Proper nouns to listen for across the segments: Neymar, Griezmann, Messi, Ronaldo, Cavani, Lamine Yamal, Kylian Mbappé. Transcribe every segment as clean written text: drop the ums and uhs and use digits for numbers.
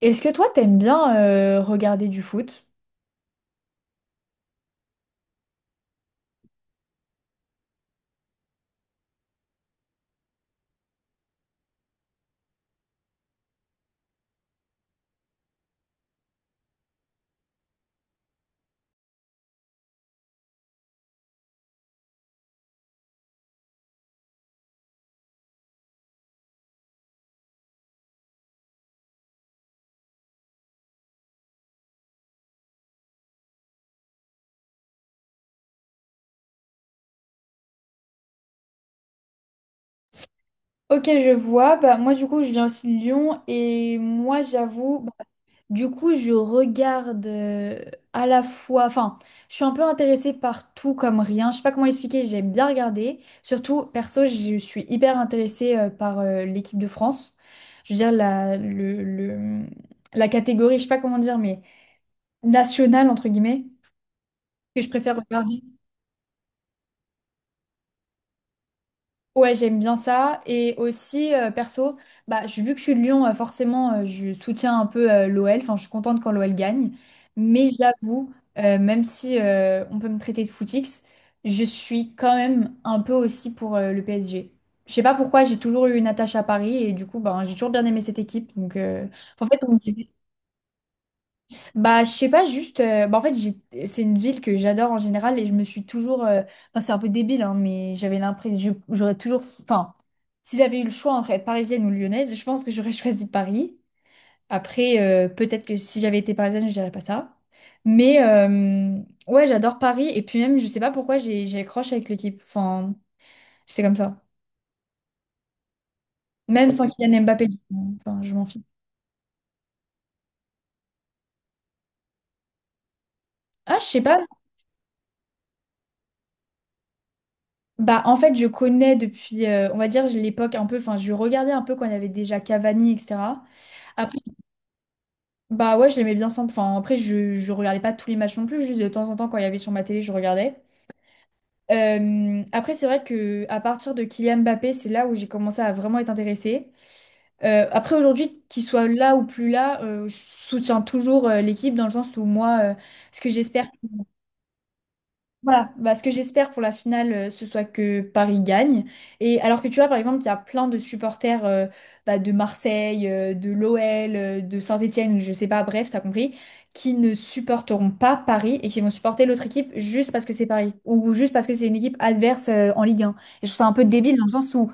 Est-ce que toi, t'aimes bien regarder du foot? Ok, je vois. Bah, moi, du coup, je viens aussi de Lyon et moi, j'avoue, du coup, je regarde à la fois, enfin, je suis un peu intéressée par tout comme rien. Je sais pas comment expliquer, j'aime bien regarder. Surtout, perso, je suis hyper intéressée par l'équipe de France. Je veux dire, la catégorie, je sais pas comment dire, mais nationale, entre guillemets, que je préfère regarder. Ouais, j'aime bien ça. Et aussi, perso, bah, vu que je suis de Lyon, forcément, je soutiens un peu l'OL. Enfin, je suis contente quand l'OL gagne. Mais j'avoue, même si on peut me traiter de footix, je suis quand même un peu aussi pour le PSG. Je sais pas pourquoi, j'ai toujours eu une attache à Paris et du coup, ben, j'ai toujours bien aimé cette équipe. Donc, en fait, bah, je sais pas, juste. Bah, en fait, c'est une ville que j'adore en général et je me suis toujours. Enfin, c'est un peu débile, hein, mais j'avais l'impression. J'aurais toujours. Enfin, si j'avais eu le choix entre être parisienne ou lyonnaise, je pense que j'aurais choisi Paris. Après, peut-être que si j'avais été parisienne, je dirais pas ça. Mais ouais, j'adore Paris et puis même, je sais pas pourquoi j'ai accroche avec l'équipe. Enfin, c'est comme ça. Même sans Kylian Mbappé. Enfin, je m'en fiche. Ah, je sais pas. Bah, en fait, je connais depuis, on va dire, j'ai l'époque un peu, enfin, je regardais un peu quand il y avait déjà Cavani, etc. Après, bah ouais, je l'aimais bien sans, enfin, après, je regardais pas tous les matchs non plus, juste de temps en temps, quand il y avait sur ma télé, je regardais. Après, c'est vrai que à partir de Kylian Mbappé, c'est là où j'ai commencé à vraiment être intéressée. Après, aujourd'hui, qu'il soit là ou plus là, je soutiens toujours l'équipe dans le sens où moi, ce que j'espère, voilà, bah, ce que j'espère pour la finale, ce soit que Paris gagne. Et alors que tu vois, par exemple, il y a plein de supporters bah, de Marseille, de l'OL, de Saint-Étienne, je sais pas, bref, t'as compris, qui ne supporteront pas Paris et qui vont supporter l'autre équipe juste parce que c'est Paris ou juste parce que c'est une équipe adverse en Ligue 1. Et je trouve ça un peu débile dans le sens où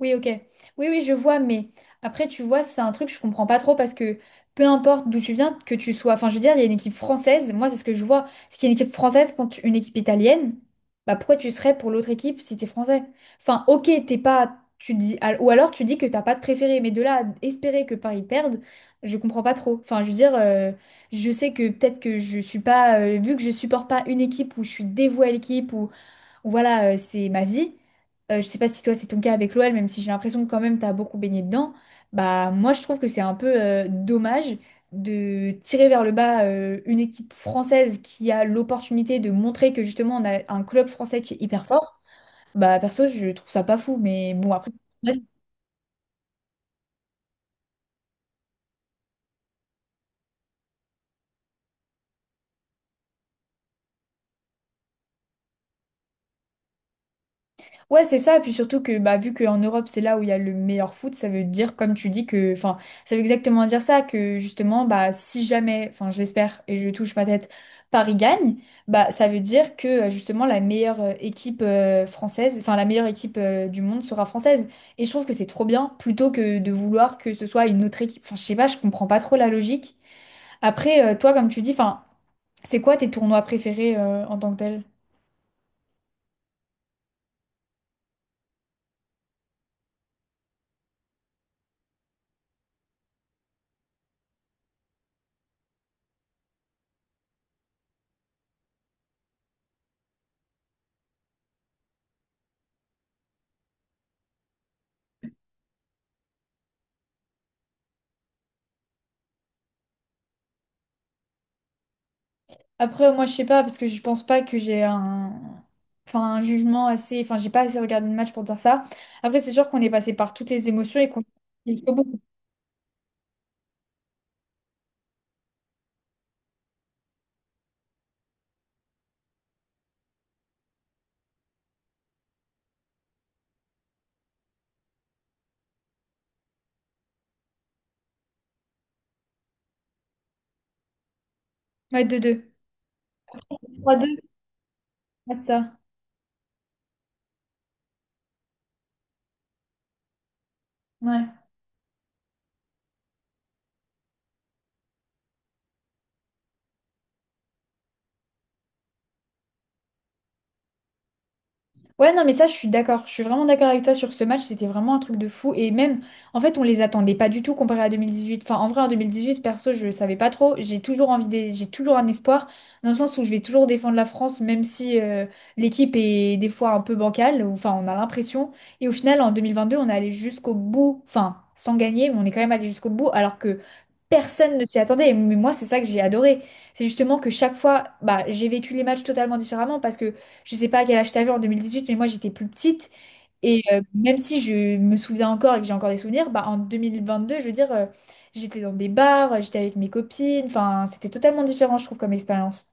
oui, ok. Oui, oui, je vois, mais après, tu vois, c'est un truc que je comprends pas trop parce que peu importe d'où tu viens, que tu sois. Enfin, je veux dire, il y a une équipe française, moi, c'est ce que je vois. Ce qu'il y a une équipe française contre une équipe italienne, bah pourquoi tu serais pour l'autre équipe si t'es français? Enfin, ok, t'es pas. Tu dis, ou alors tu dis que t'as pas de préféré, mais de là à espérer que Paris perde, je comprends pas trop. Enfin, je veux dire, je sais que peut-être que je suis pas. Vu que je supporte pas une équipe ou je suis dévouée à l'équipe voilà, c'est ma vie. Je sais pas si toi c'est ton cas avec l'OL, même si j'ai l'impression que quand même t'as beaucoup baigné dedans. Bah moi je trouve que c'est un peu dommage de tirer vers le bas une équipe française qui a l'opportunité de montrer que justement on a un club français qui est hyper fort. Bah perso je trouve ça pas fou, mais bon après. Ouais, c'est ça. Puis surtout que, bah, vu qu'en Europe, c'est là où il y a le meilleur foot, ça veut dire, comme tu dis, que, enfin, ça veut exactement dire ça, que justement, bah, si jamais, enfin, je l'espère et je touche ma tête, Paris gagne, bah, ça veut dire que, justement, la meilleure équipe française, enfin, la meilleure équipe du monde sera française. Et je trouve que c'est trop bien, plutôt que de vouloir que ce soit une autre équipe. Enfin, je sais pas, je comprends pas trop la logique. Après, toi, comme tu dis, enfin, c'est quoi tes tournois préférés en tant que tel? Après, moi, je sais pas, parce que je pense pas que j'ai un... Enfin, un jugement assez... Enfin, j'ai pas assez regardé le match pour dire ça. Après, c'est sûr qu'on est passé par toutes les émotions et qu'on... 3-2. 3-2, c'est ça. Ouais. Ouais, non, mais ça, je suis d'accord. Je suis vraiment d'accord avec toi sur ce match. C'était vraiment un truc de fou. Et même, en fait, on les attendait pas du tout comparé à 2018. Enfin, en vrai, en 2018 perso, je savais pas trop. J'ai toujours envie des... j'ai toujours un espoir, dans le sens où je vais toujours défendre la France, même si l'équipe est des fois un peu bancale. Enfin, on a l'impression. Et au final, en 2022 on est allé jusqu'au bout. Enfin, sans gagner, mais on est quand même allé jusqu'au bout. Alors que personne ne s'y attendait, mais moi c'est ça que j'ai adoré. C'est justement que chaque fois, bah, j'ai vécu les matchs totalement différemment parce que je sais pas à quel âge t'avais en 2018, mais moi j'étais plus petite et même si je me souviens encore et que j'ai encore des souvenirs, bah, en 2022, je veux dire, j'étais dans des bars, j'étais avec mes copines, enfin c'était totalement différent je trouve comme expérience.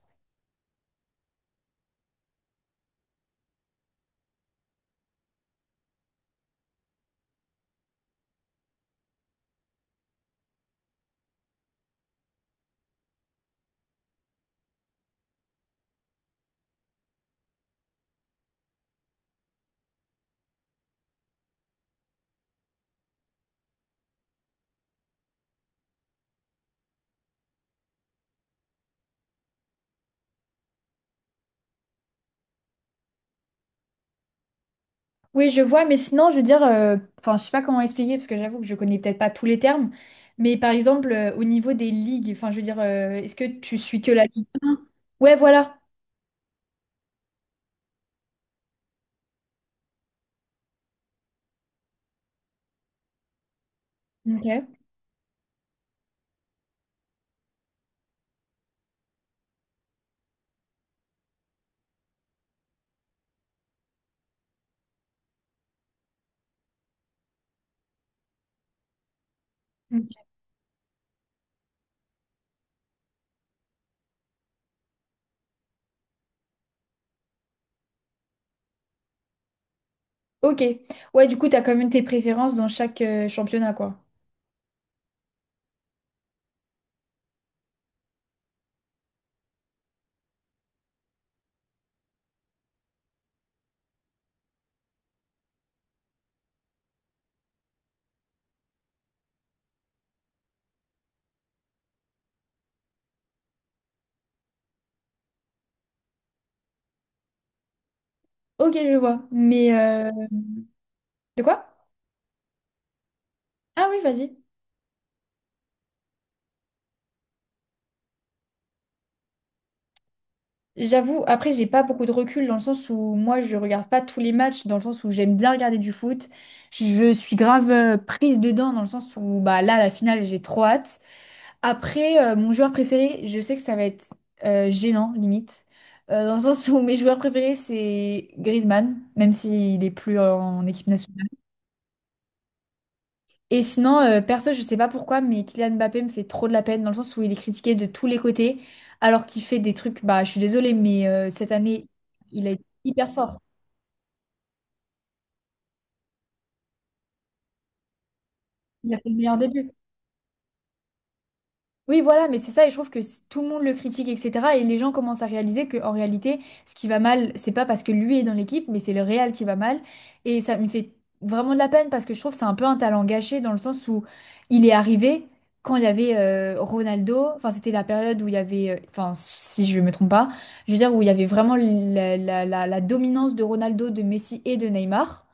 Oui, je vois, mais sinon, je veux dire, enfin, je sais pas comment expliquer parce que j'avoue que je connais peut-être pas tous les termes, mais par exemple au niveau des ligues, enfin, je veux dire, est-ce que tu suis que la Ligue 1? Ouais, voilà. Ok. Ok. Ok. Ouais, du coup, t'as quand même tes préférences dans chaque championnat, quoi. Ok, je vois. Mais de quoi? Ah oui, vas-y. J'avoue, après, j'ai pas beaucoup de recul dans le sens où moi, je regarde pas tous les matchs, dans le sens où j'aime bien regarder du foot. Je suis grave prise dedans, dans le sens où bah là, la finale, j'ai trop hâte. Après, mon joueur préféré, je sais que ça va être gênant, limite. Dans le sens où mes joueurs préférés, c'est Griezmann, même s'il est plus en équipe nationale. Et sinon, perso, je sais pas pourquoi, mais Kylian Mbappé me fait trop de la peine dans le sens où il est critiqué de tous les côtés, alors qu'il fait des trucs, bah, je suis désolée, mais cette année, il a été hyper fort. Il a fait le meilleur début. Oui, voilà, mais c'est ça, et je trouve que tout le monde le critique, etc. Et les gens commencent à réaliser que en réalité, ce qui va mal, c'est pas parce que lui est dans l'équipe, mais c'est le Real qui va mal. Et ça me fait vraiment de la peine parce que je trouve que c'est un peu un talent gâché dans le sens où il est arrivé quand il y avait Ronaldo. Enfin, c'était la période où il y avait, enfin, si je me trompe pas, je veux dire où il y avait vraiment la dominance de Ronaldo, de Messi et de Neymar.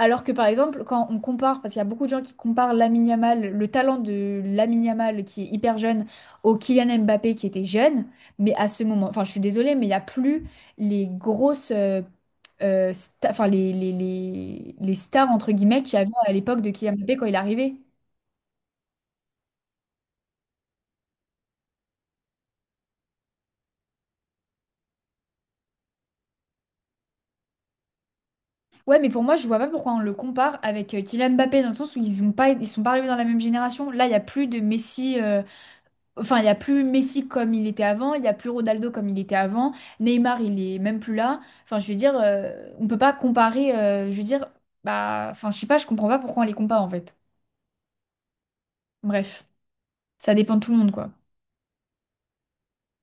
Alors que par exemple, quand on compare, parce qu'il y a beaucoup de gens qui comparent Lamine Yamal, le talent de Lamine Yamal qui est hyper jeune, au Kylian Mbappé qui était jeune, mais à ce moment, enfin je suis désolée, mais il n'y a plus les grosses, enfin les stars entre guillemets qu'il y avait à l'époque de Kylian Mbappé quand il est arrivé. Ouais, mais pour moi, je vois pas pourquoi on le compare avec Kylian Mbappé dans le sens où ils sont pas arrivés dans la même génération. Là, il y a plus de Messi. Enfin, il n'y a plus Messi comme il était avant, il n'y a plus Ronaldo comme il était avant, Neymar, il est même plus là. Enfin, je veux dire, on peut pas comparer, je veux dire, bah, enfin, je sais pas, je comprends pas pourquoi on les compare en fait. Bref, ça dépend de tout le monde, quoi.